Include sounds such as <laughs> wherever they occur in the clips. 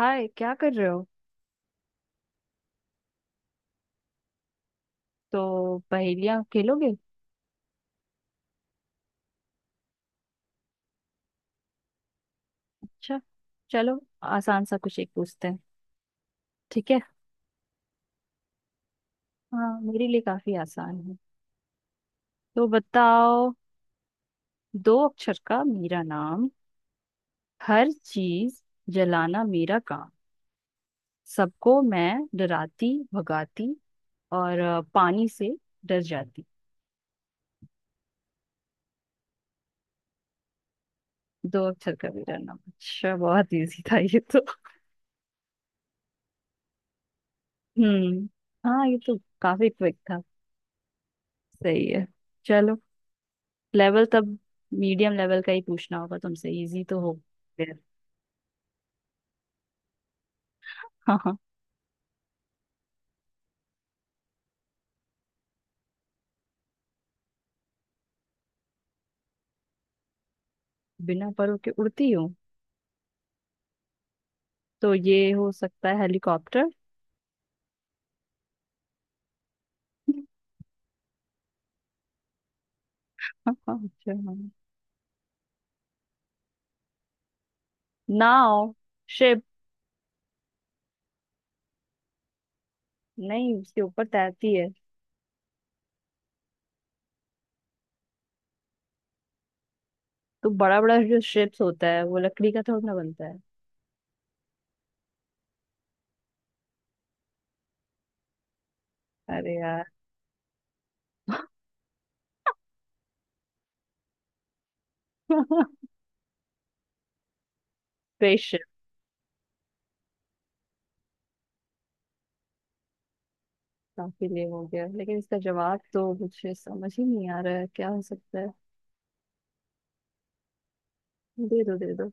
हाय, क्या कर रहे हो। तो पहेलियां खेलोगे। अच्छा। चलो। आसान सा कुछ एक पूछते हैं। ठीक है। हाँ, मेरे लिए काफी आसान है। तो बताओ। दो अक्षर का मेरा नाम। हर चीज जलाना मेरा काम। सबको मैं डराती भगाती। और पानी से डर जाती। दो अक्षर का मेरा नाम। अच्छा, बहुत इजी था ये तो। हम्म। हाँ, ये तो काफी क्विक था। सही है। चलो। लेवल तब मीडियम लेवल का ही पूछना होगा तुमसे। इजी तो हो। फिर। हाँ हाँ। <laughs> बिना परों के उड़ती हूँ, तो ये हो सकता है हेलीकॉप्टर। हाँ हाँ, अच्छा, हाँ। नाव। शिप। नहीं, उसके ऊपर तैरती है। तो बड़ा बड़ा जो शिप्स होता है वो लकड़ी का थोड़ा ना बनता है। अरे यार। <laughs> स्पेसशिप। काफी लेम हो गया, लेकिन इसका जवाब तो मुझे समझ ही नहीं आ रहा है, क्या हो सकता है। दे दो, दे दो।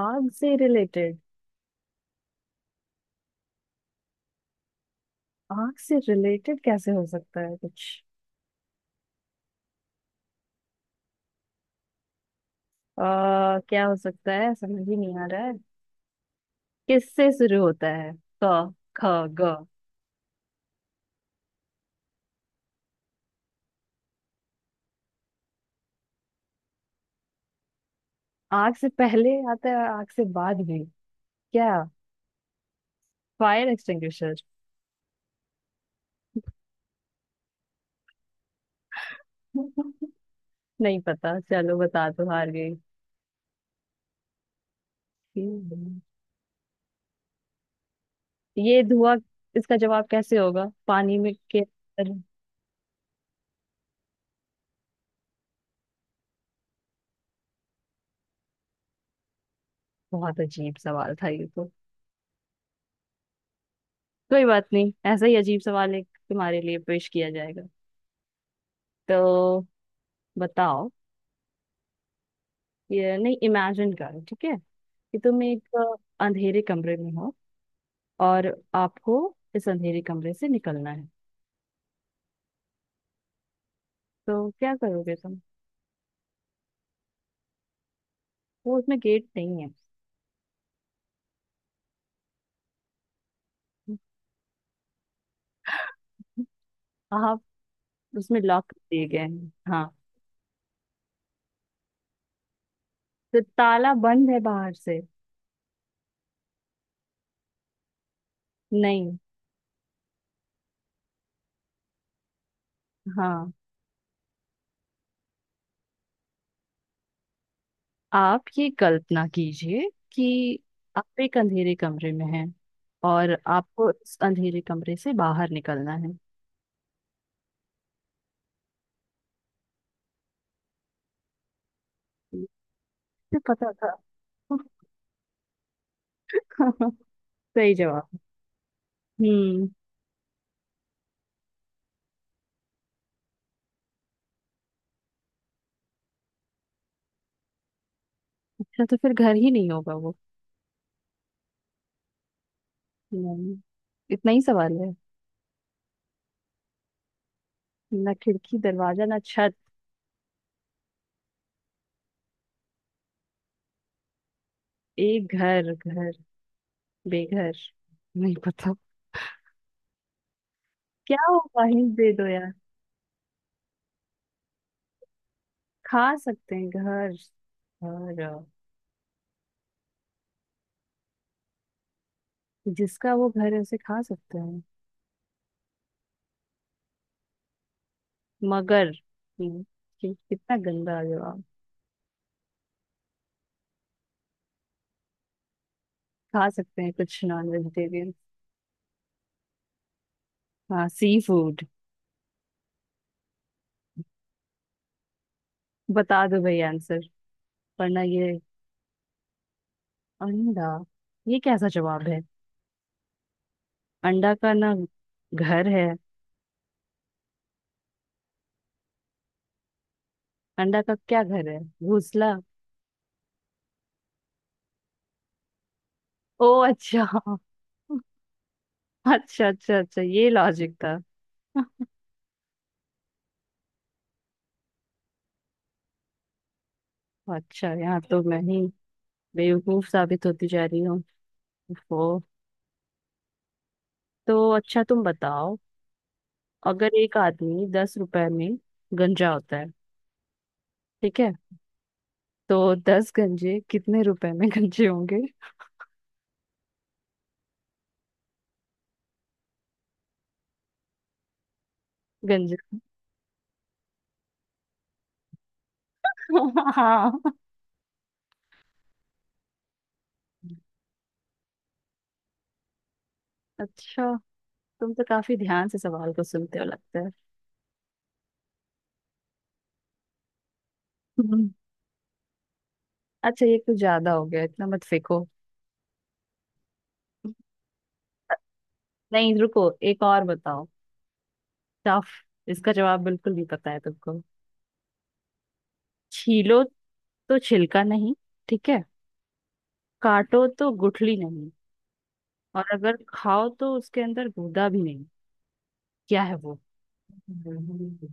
आग से रिलेटेड। आग से रिलेटेड कैसे हो सकता है कुछ। क्या हो सकता है, समझ ही नहीं आ रहा है। किससे शुरू होता है। क। ख। ग। आग से पहले आता है और आग से बाद भी। क्या। Fire extinguisher. <laughs> नहीं पता, चलो बता दो, हार गई। हम्म। ये धुआं। इसका जवाब कैसे होगा पानी में के, अरे। बहुत अजीब सवाल था ये तो। कोई बात नहीं, ऐसा ही अजीब सवाल एक तुम्हारे लिए पेश किया जाएगा। तो बताओ। ये नहीं, इमेजिन करो, ठीक है। कि तुम एक अंधेरे कमरे में हो और आपको इस अंधेरे कमरे से निकलना है। तो क्या करोगे तुम। वो उसमें गेट नहीं है। आप उसमें लॉक दिए गए हैं, हाँ। तो ताला बंद है बाहर से। नहीं। हाँ। आप ये कल्पना कीजिए कि आप एक अंधेरे कमरे में हैं और आपको इस अंधेरे कमरे से बाहर निकलना है। मुझे पता था। <laughs> सही जवाब। हम्म। अच्छा, तो फिर घर ही नहीं होगा वो। नहीं। इतना ही सवाल है। ना खिड़की दरवाजा ना छत। एक घर घर। बेघर। नहीं पता। क्या होगा, हिंट दे दो यार। खा सकते हैं घर। और। जिसका वो घर है उसे खा सकते हैं। मगर। हम्म, कितना गंदा जवाब। खा सकते हैं कुछ नॉन वेजिटेरियन। हाँ, सी फूड। बता दो भाई आंसर, वरना ये। अंडा। ये कैसा जवाब है। अंडा का ना घर है। अंडा का क्या घर है, घोंसला। ओ अच्छा अच्छा अच्छा, अच्छा ये लॉजिक था। अच्छा यहाँ तो मैं ही बेवकूफ साबित होती जा रही हूँ। ओहो। तो अच्छा, तुम बताओ। अगर एक आदमी 10 रुपए में गंजा होता है, ठीक है। तो 10 गंजे कितने रुपए में गंजे होंगे। गंजे। <laughs> हाँ। अच्छा, तुम तो काफी ध्यान से सवाल को सुनते हो लगता है। हम्म। अच्छा, ये कुछ ज्यादा हो गया, इतना मत फेंको। नहीं रुको, एक और बताओ। टफ। इसका जवाब बिल्कुल नहीं पता है तुमको। छीलो तो छिलका नहीं, ठीक है। काटो तो गुठली नहीं। और अगर खाओ तो उसके अंदर गूदा भी नहीं। क्या है वो। हम्म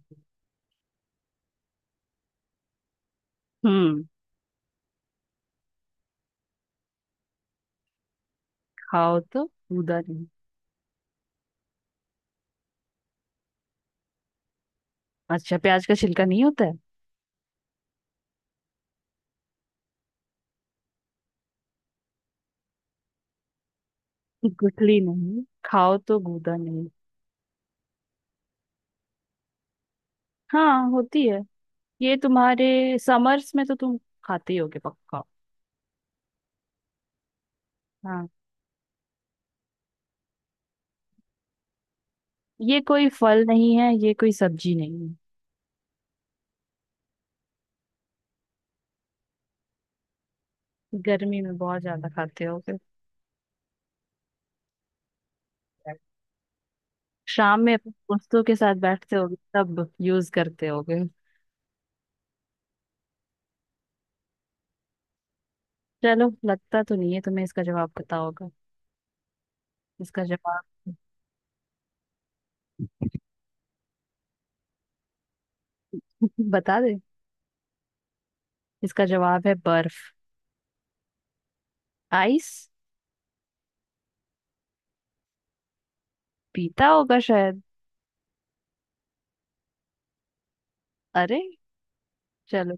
खाओ तो गूदा नहीं। अच्छा, प्याज का छिलका नहीं होता है। गुठली नहीं खाओ तो गूदा नहीं। हाँ, होती है। ये तुम्हारे समर्स में तो तुम खाते ही होगे पक्का। हाँ, ये कोई फल नहीं है, ये कोई सब्जी नहीं है। गर्मी में बहुत ज्यादा खाते होगे। शाम में अपने दोस्तों के साथ बैठते होगे तब यूज करते होगे। चलो, लगता तो नहीं है तुम्हें इसका जवाब पता होगा। इसका जवाब। <laughs> बता दे। इसका जवाब है बर्फ। आइस। पीता होगा शायद। अरे। चलो।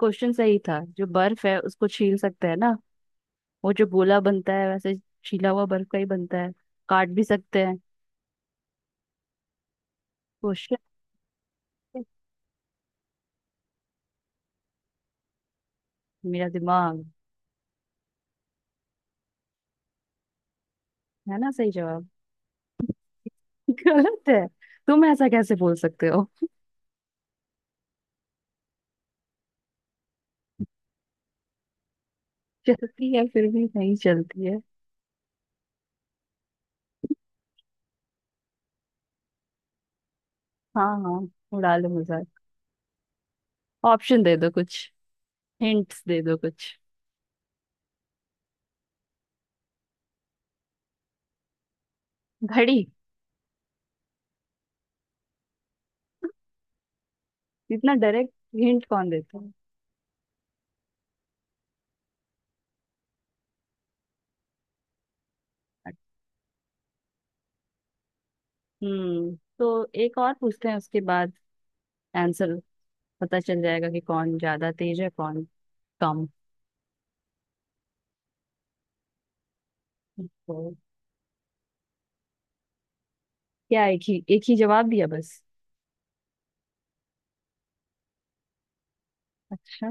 क्वेश्चन सही था, जो बर्फ है उसको छील सकते हैं ना। वो जो गोला बनता है वैसे, छीला हुआ बर्फ का ही बनता है। काट भी सकते हैं। क्वेश्चन। मेरा दिमाग। है ना सही जवाब। <laughs> गलत है। तुम ऐसा कैसे बोल सकते हो। चलती है फिर भी नहीं चलती है। हाँ हाँ, उड़ा लो मजाक। ऑप्शन दे दो कुछ। हिंट्स दे दो कुछ। घड़ी। इतना डायरेक्ट हिंट कौन देता है। तो एक और पूछते हैं, उसके बाद आंसर पता चल जाएगा कि कौन ज्यादा तेज है, कौन कम। तो क्या एक ही जवाब दिया बस। अच्छा।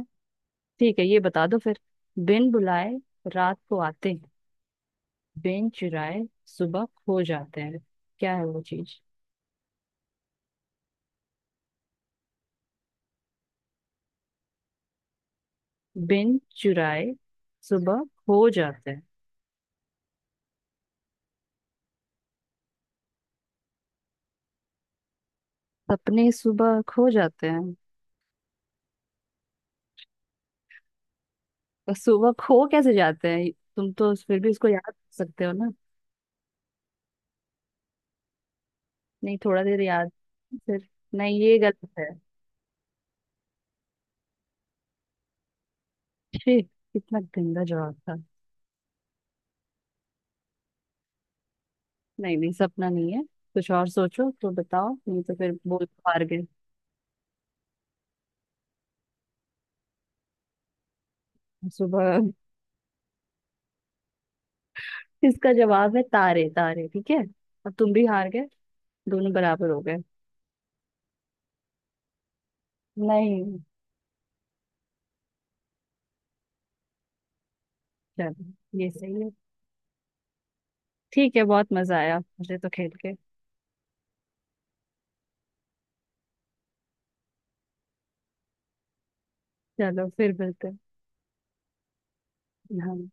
ठीक है, ये बता दो फिर। बिन बुलाए रात को आते हैं। बिन चुराए सुबह खो जाते हैं। क्या है वो चीज। बिन चुराए सुबह खो जाते हैं। सपने सुबह खो जाते हैं। तो सुबह खो कैसे जाते हैं, तुम तो फिर भी इसको याद कर सकते हो ना। नहीं, थोड़ा देर याद। फिर। नहीं, ये गलत है। छी, कितना गंदा जवाब था। नहीं नहीं, सपना नहीं है। कुछ और सोचो, तो बताओ नहीं तो फिर बोल, तो हार गए। सुबह। <laughs> इसका जवाब है तारे। तारे, ठीक है। और तुम भी हार गए। दोनों बराबर हो गए। नहीं। चलो, ये सही है। ठीक है, बहुत मजा आया मुझे तो खेल के। चलो फिर मिलते हैं। हाँ।